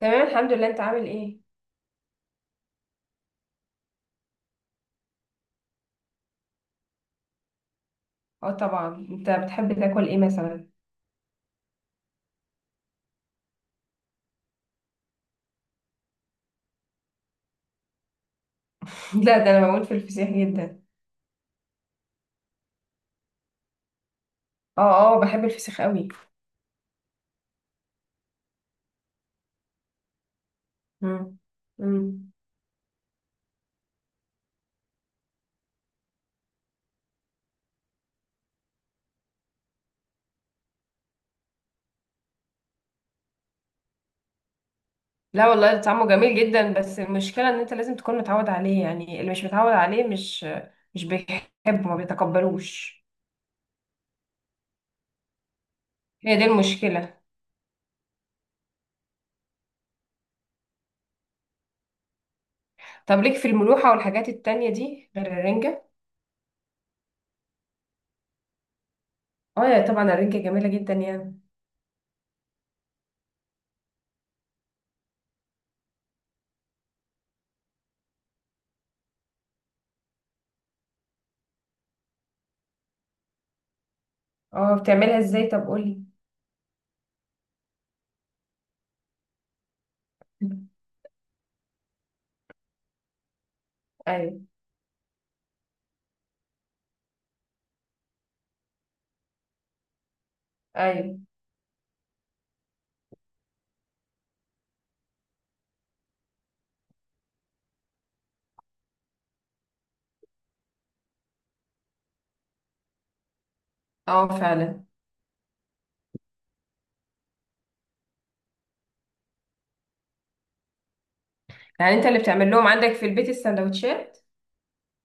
تمام، الحمد لله. انت عامل ايه؟ اه طبعا. انت بتحب تاكل ايه مثلا؟ لا، ده انا بموت في الفسيخ جدا. اه. اه، بحب الفسيخ قوي. مم. مم. لا والله، طعمه جميل جدا، بس المشكله ان انت لازم تكون متعود عليه، يعني اللي مش متعود عليه مش بيحبه، ما بيتقبلوش. هي دي المشكله. طب ليك في الملوحه والحاجات التانية دي غير الرنجه؟ اه يا طبعا، الرنجه جميله جدا يعني. اه، بتعملها ازاي؟ طب قولي. ايوه ايوه. اه فعلا. يعني انت اللي بتعمل لهم عندك في البيت السندوتشات؟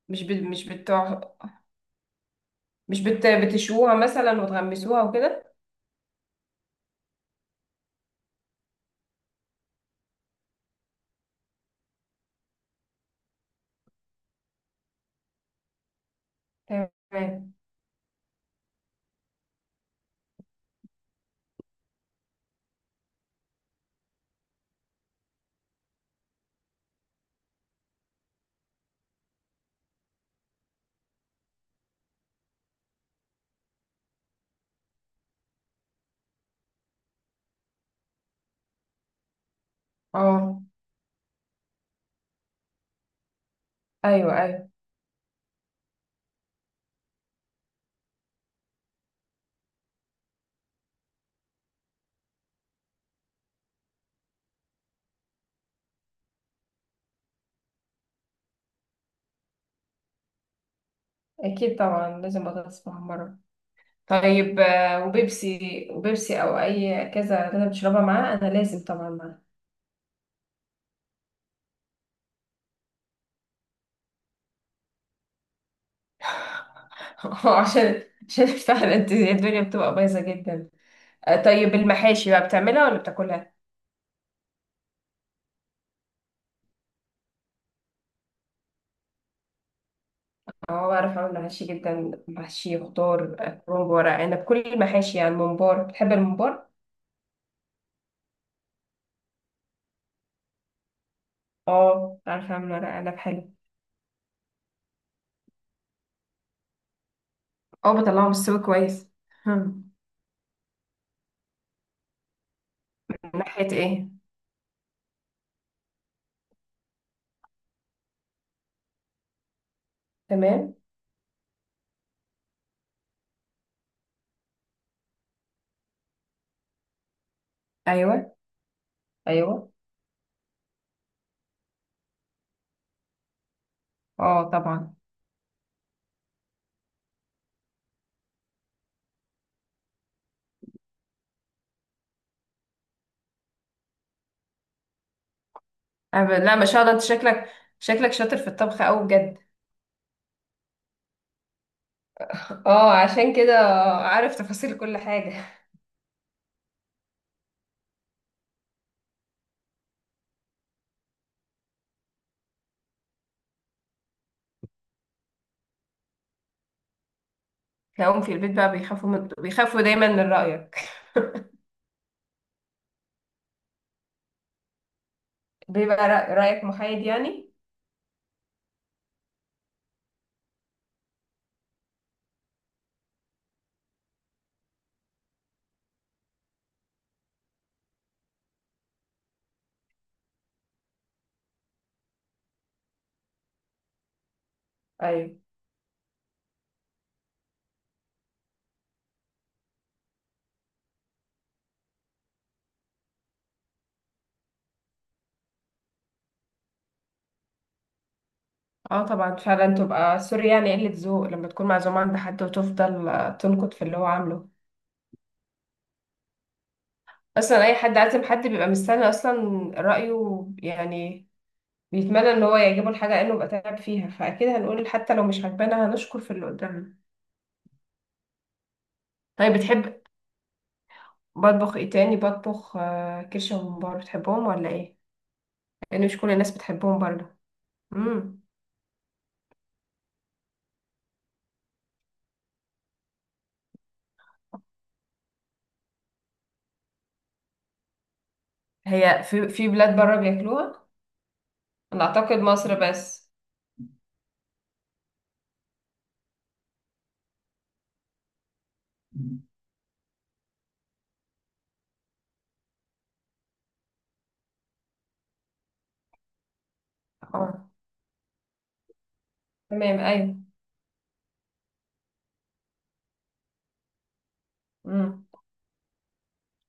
مش بت... مش بتوع... مش بت... بتشوها مثلا، وتغمسوها وكده. تمام. اه، ايوه، ايوه. اكيد طبعا، لازم بطاطس محمره. طيب، وبيبسي. وبيبسي او اي كذا، اللي انا بشربها معاه انا لازم طبعا معاه. عشان عشان فعلا الدنيا بتبقى بايظه جدا. طيب، المحاشي بقى بتعملها ولا بتاكلها؟ اه، بعرف اعمل محاشي جدا، محشي خضار، كرنب، ورق عنب، كل المحاشي، يعني ممبار. بتحب الممبار؟ اه، عارفة اعمل ورق عنب حلو. اه، بطلعه مستوي كويس. هم. من ناحية ايه؟ تمام. ايوه. ايوه. اه طبعا. لا، ما شاء الله، انت شكلك شاطر في الطبخ قوي بجد. اه، عشان كده. عارف تفاصيل كل حاجة. تلاقيهم في البيت بقى بيخافوا دايما من رأيك. بيبقى رأيك محايد يعني. ايوه. اه طبعا، فعلا. تبقى سوري، يعني قلة ذوق لما تكون معزومة عند حد وتفضل تنكت في اللي هو عامله. اصلا اي حد عازم حد بيبقى مستني اصلا رايه يعني. بيتمنى ان هو يعجبه الحاجه لانه بقى تعب فيها، فاكيد هنقول حتى لو مش عجبانا هنشكر في اللي قدامنا. طيب، بتحب. بطبخ ايه تاني؟ بطبخ كرشه وممبار. بتحبهم ولا ايه؟ لان مش كل الناس بتحبهم برضه. امم. هي في في بلاد بره بياكلوها. انا اعتقد مصر بس. اه، تمام، ايوه. امم.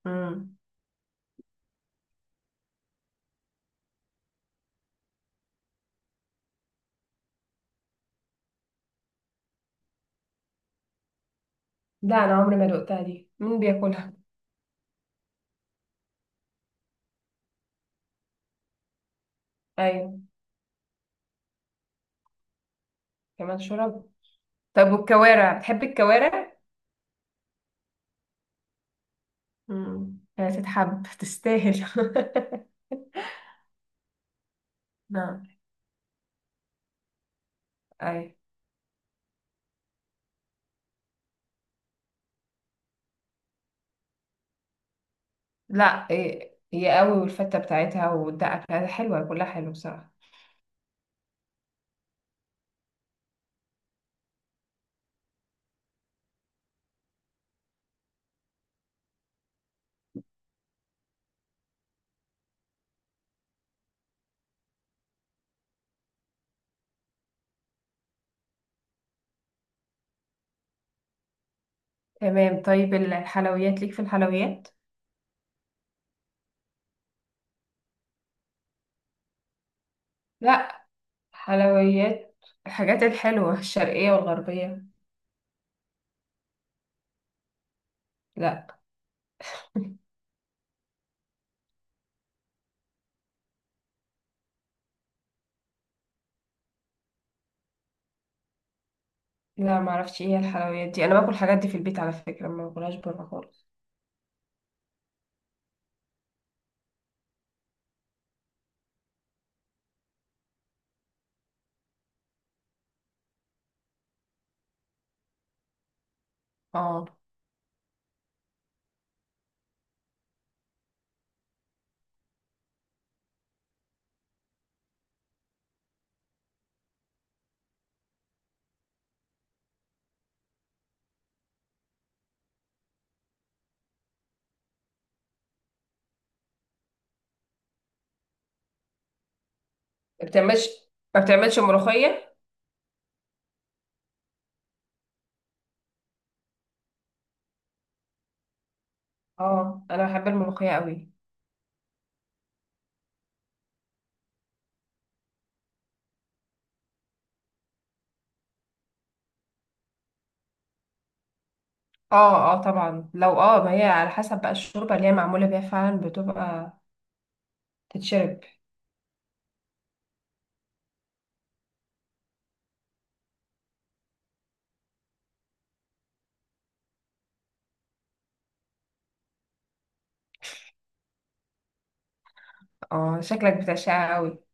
امم. لا، انا عمري ما دقتها دي، مين بياكلها؟ ايوه. كمان شرب؟ طب والكوارع، بتحب الكوارع؟ مم. هي تتحب، تستاهل. نعم. أي. لا إيه، هي قوي، والفتة بتاعتها والدقة بتاعتها حلوة، كلها حلو بصراحة. تمام. طيب الحلويات، ليك في الحلويات؟ لا. حلويات. الحاجات الحلوة الشرقية والغربية. لا، لا، ما اعرفش ايه هي الحلويات دي، انا باكل الحاجات دي في البيت على فكرة، ما باكلهاش بره خالص. اه. ما بتعملش ما بتعملش ملوخية؟ اه، انا بحب الملوخية قوي. اه اه طبعا، لو ما هي على حسب بقى الشوربة اللي هي معمولة بيها فعلا، بتبقى تتشرب. اه، شكلك بتعشقها قوي.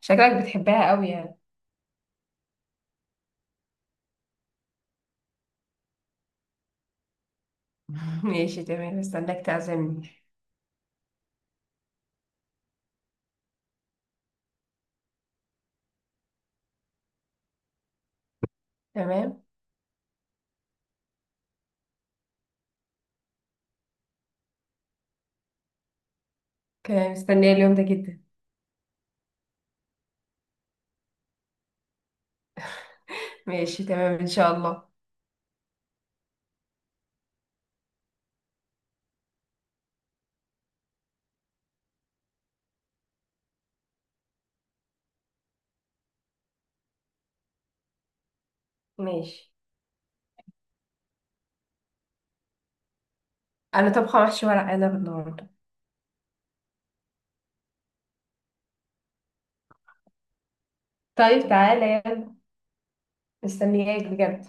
شكلك بتحبها قوي يعني. ماشي تمام، استناك تعزمني. تمام. كان مستنية اليوم ده جدا. ماشي تمام ان شاء الله. ماشي. انا طبخة محشي ورق عنب النهاردة. طيب تعالى يلا. مستنياك بجد.